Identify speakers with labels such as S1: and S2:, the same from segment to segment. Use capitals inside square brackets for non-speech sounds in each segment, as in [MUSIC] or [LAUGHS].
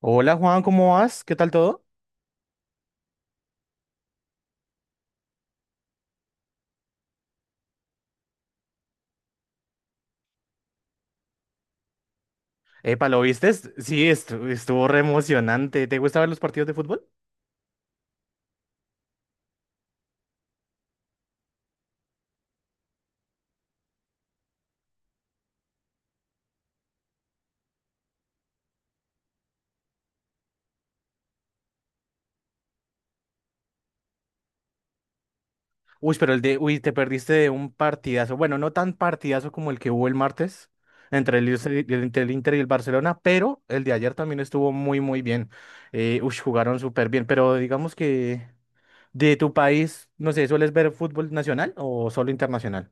S1: Hola Juan, ¿cómo vas? ¿Qué tal todo? Epa, ¿lo viste? Sí, estuvo re emocionante. ¿Te gusta ver los partidos de fútbol? Uy, pero te perdiste de un partidazo. Bueno, no tan partidazo como el que hubo el martes entre Inter y el Inter y el Barcelona, pero el de ayer también estuvo muy, muy bien. Jugaron súper bien, pero digamos que de tu país, no sé, ¿sueles ver fútbol nacional o solo internacional?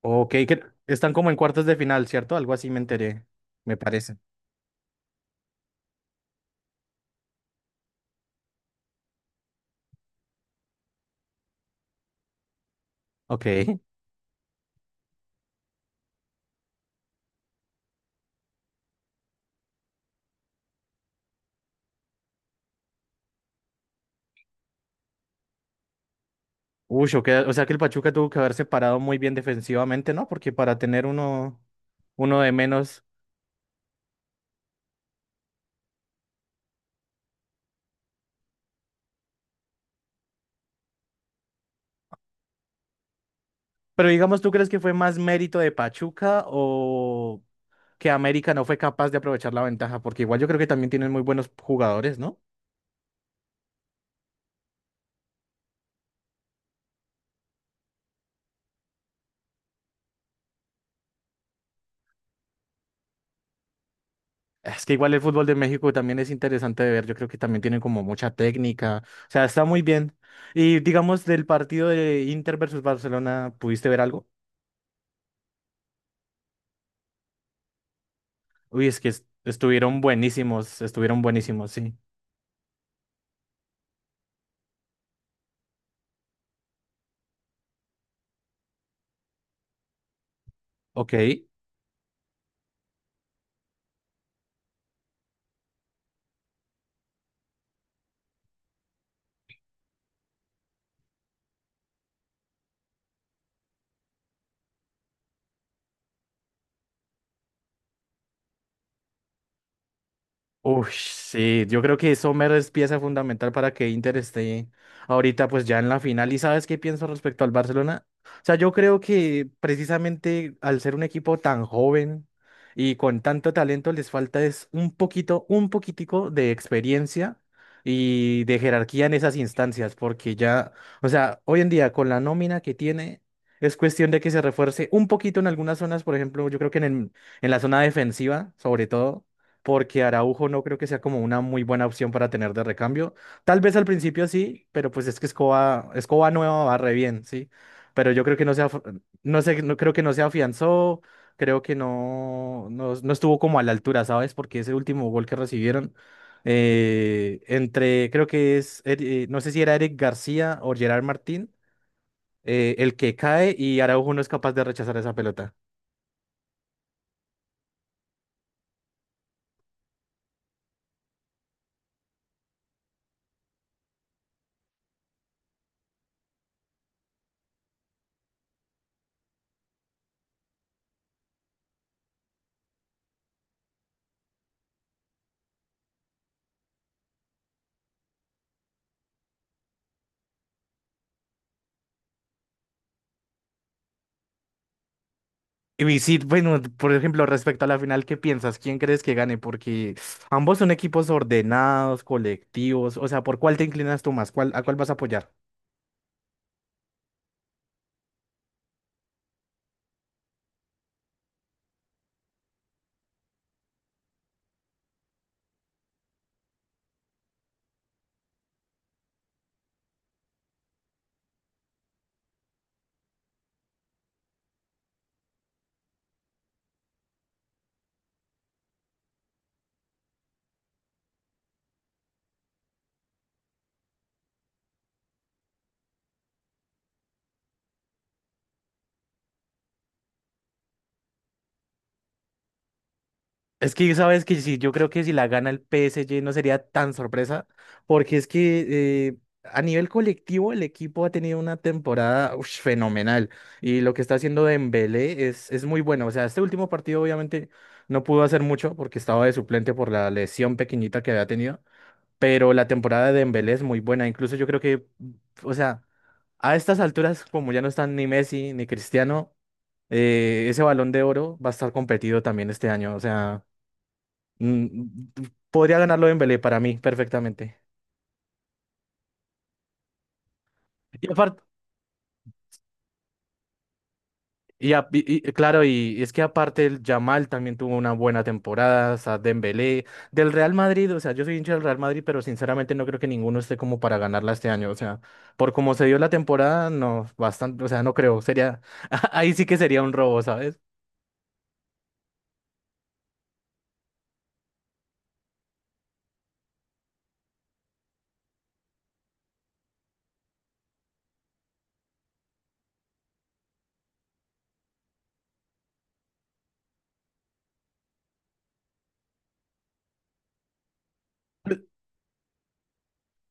S1: Ok, que están como en cuartos de final, ¿cierto? Algo así me enteré, me parece. Ok. Uy, o sea que el Pachuca tuvo que haber separado muy bien defensivamente, ¿no? Porque para tener uno de menos. Pero digamos, ¿tú crees que fue más mérito de Pachuca o que América no fue capaz de aprovechar la ventaja? Porque igual yo creo que también tienen muy buenos jugadores, ¿no? Es que igual el fútbol de México también es interesante de ver. Yo creo que también tienen como mucha técnica. O sea, está muy bien. Y digamos, del partido de Inter versus Barcelona, ¿pudiste ver algo? Uy, es que estuvieron buenísimos, sí. Ok. Uy, sí, yo creo que Sommer es pieza fundamental para que Inter esté ahorita pues ya en la final. ¿Y sabes qué pienso respecto al Barcelona? O sea, yo creo que precisamente al ser un equipo tan joven y con tanto talento les falta es un poquito, un poquitico de experiencia y de jerarquía en esas instancias, porque ya, o sea, hoy en día con la nómina que tiene es cuestión de que se refuerce un poquito en algunas zonas, por ejemplo, yo creo que en la zona defensiva, sobre todo porque Araujo no creo que sea como una muy buena opción para tener de recambio. Tal vez al principio sí, pero pues es que Escoba nueva va re bien, sí. Pero yo creo que no sé, no creo que no se afianzó, creo que no estuvo como a la altura, ¿sabes? Porque ese último gol que recibieron entre, creo que es, no sé si era Eric García o Gerard Martín, el que cae y Araujo no es capaz de rechazar esa pelota. Y sí, bueno, por ejemplo, respecto a la final, ¿qué piensas? ¿Quién crees que gane? Porque ambos son equipos ordenados, colectivos. O sea, ¿por cuál te inclinas tú más? ¿A cuál vas a apoyar? Es que sabes que sí, yo creo que si la gana el PSG no sería tan sorpresa, porque es que eh, a nivel colectivo el equipo ha tenido una temporada ush, fenomenal y lo que está haciendo Dembélé es muy bueno. O sea, este último partido obviamente no pudo hacer mucho porque estaba de suplente por la lesión pequeñita que había tenido. Pero la temporada de Dembélé es muy buena. Incluso yo creo que, o sea, a estas alturas, como ya no están ni Messi ni Cristiano, ese Balón de Oro va a estar competido también este año. O sea, mm, podría ganarlo Dembélé para mí perfectamente. Y aparte, claro, y es que aparte el Yamal también tuvo una buena temporada, o sea, Dembélé, del Real Madrid, o sea, yo soy hincha del Real Madrid, pero sinceramente no creo que ninguno esté como para ganarla este año, o sea, por como se dio la temporada, no, bastante, o sea, no creo, sería, [LAUGHS] ahí sí que sería un robo, ¿sabes?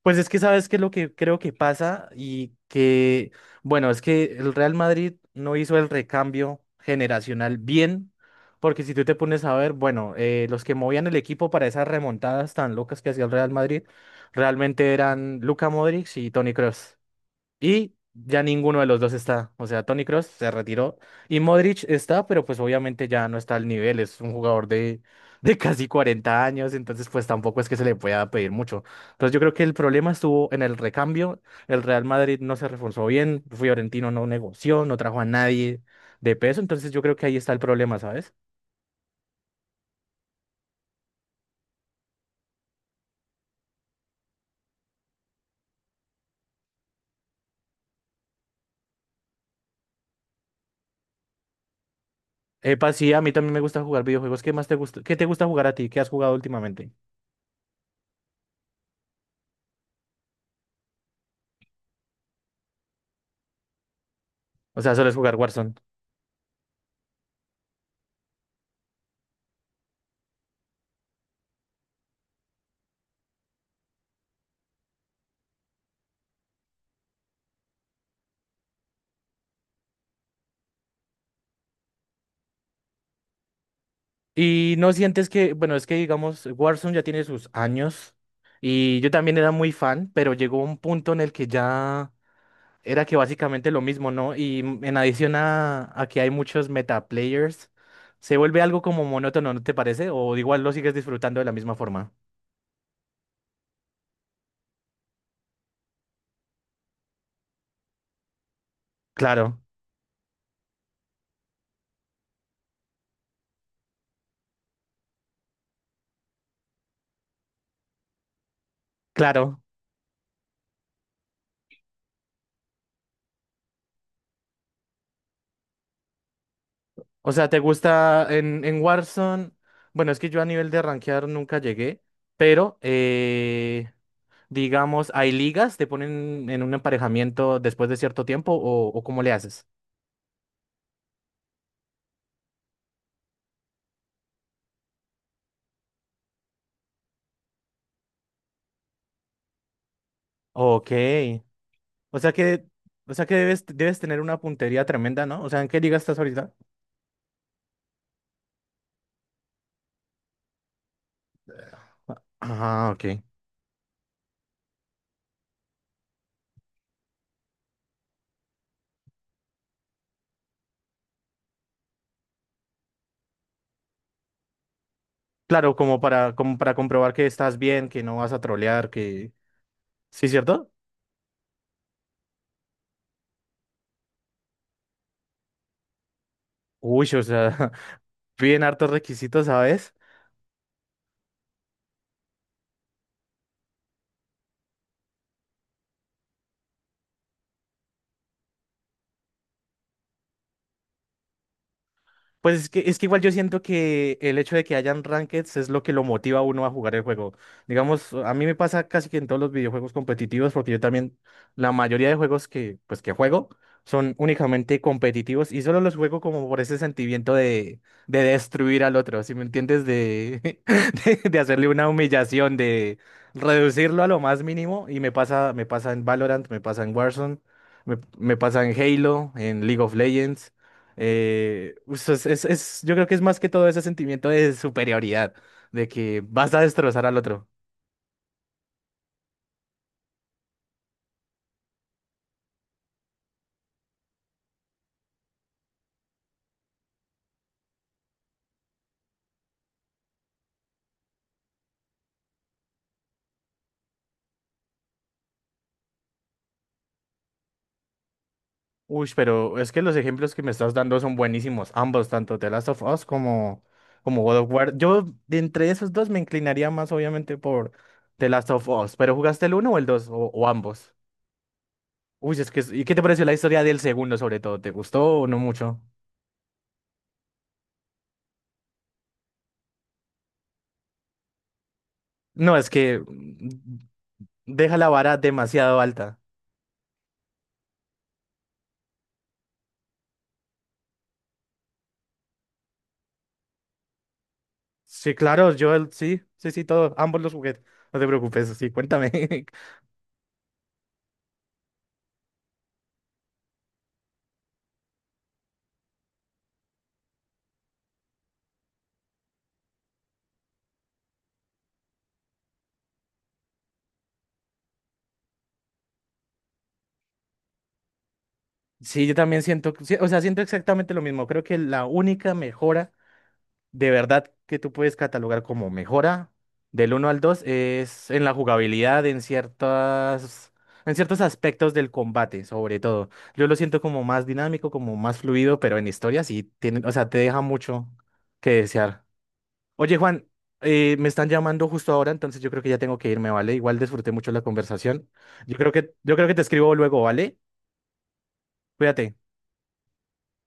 S1: Pues es que sabes qué es lo que creo que pasa y que, bueno, es que el Real Madrid no hizo el recambio generacional bien, porque si tú te pones a ver, bueno, los que movían el equipo para esas remontadas tan locas que hacía el Real Madrid, realmente eran Luka Modric y Toni Kroos. Y ya ninguno de los dos está. O sea, Toni Kroos se retiró y Modric está, pero pues obviamente ya no está al nivel. Es un jugador de casi 40 años, entonces pues tampoco es que se le pueda pedir mucho. Entonces yo creo que el problema estuvo en el recambio. El Real Madrid no se reforzó bien, Fiorentino no negoció, no trajo a nadie de peso, entonces yo creo que ahí está el problema, ¿sabes? Epa, sí, a mí también me gusta jugar videojuegos. ¿Qué más te gusta? ¿Qué te gusta jugar a ti? ¿Qué has jugado últimamente? O sea, ¿sueles jugar Warzone? Y no sientes que, bueno, es que digamos, Warzone ya tiene sus años y yo también era muy fan, pero llegó un punto en el que ya era que básicamente lo mismo, ¿no? Y en adición a que hay muchos meta players, se vuelve algo como monótono, ¿no te parece? O igual lo sigues disfrutando de la misma forma. Claro, claro. O sea, ¿te gusta en Warzone? Bueno, es que yo a nivel de rankear nunca llegué, pero... Digamos, ¿hay ligas? ¿Te ponen en un emparejamiento después de cierto tiempo o cómo le haces? Ok. O sea que, o sea que debes tener una puntería tremenda, ¿no? O sea, ¿en qué liga estás ahorita? Ah, ok. Claro, como para, como para comprobar que estás bien, que no vas a trolear, que... ¿Sí, cierto? Uy, o sea, [LAUGHS] piden hartos requisitos, ¿sabes? Pues es que igual yo siento que el hecho de que hayan rankeds es lo que lo motiva a uno a jugar el juego. Digamos, a mí me pasa casi que en todos los videojuegos competitivos, porque yo también, la mayoría de juegos que, pues, que juego son únicamente competitivos y solo los juego como por ese sentimiento de destruir al otro, ¿si me entiendes? [LAUGHS] De hacerle una humillación, de reducirlo a lo más mínimo. Y me pasa en Valorant, me pasa en Warzone, me pasa en Halo, en League of Legends. Yo creo que es más que todo ese sentimiento de superioridad, de que vas a destrozar al otro. Uy, pero es que los ejemplos que me estás dando son buenísimos, ambos, tanto The Last of Us como, como God of War. Yo, de entre esos dos, me inclinaría más, obviamente, por The Last of Us. ¿Pero jugaste el uno o el dos? O ambos. Uy, ¿y qué te pareció la historia del segundo, sobre todo? ¿Te gustó o no mucho? No, es que deja la vara demasiado alta. Sí, claro, sí, sí, sí, todo, ambos los jugué. No te preocupes, sí, cuéntame. [LAUGHS] Sí, yo también siento, sí, o sea, siento exactamente lo mismo. Creo que la única mejora de verdad que tú puedes catalogar como mejora del uno al 2 es en la jugabilidad, en ciertos aspectos del combate, sobre todo. Yo lo siento como más dinámico, como más fluido, pero en historia sí tiene, o sea, te deja mucho que desear. Oye, Juan, me están llamando justo ahora, entonces yo creo que ya tengo que irme, ¿vale? Igual disfruté mucho la conversación. Yo creo que te escribo luego, ¿vale? Cuídate.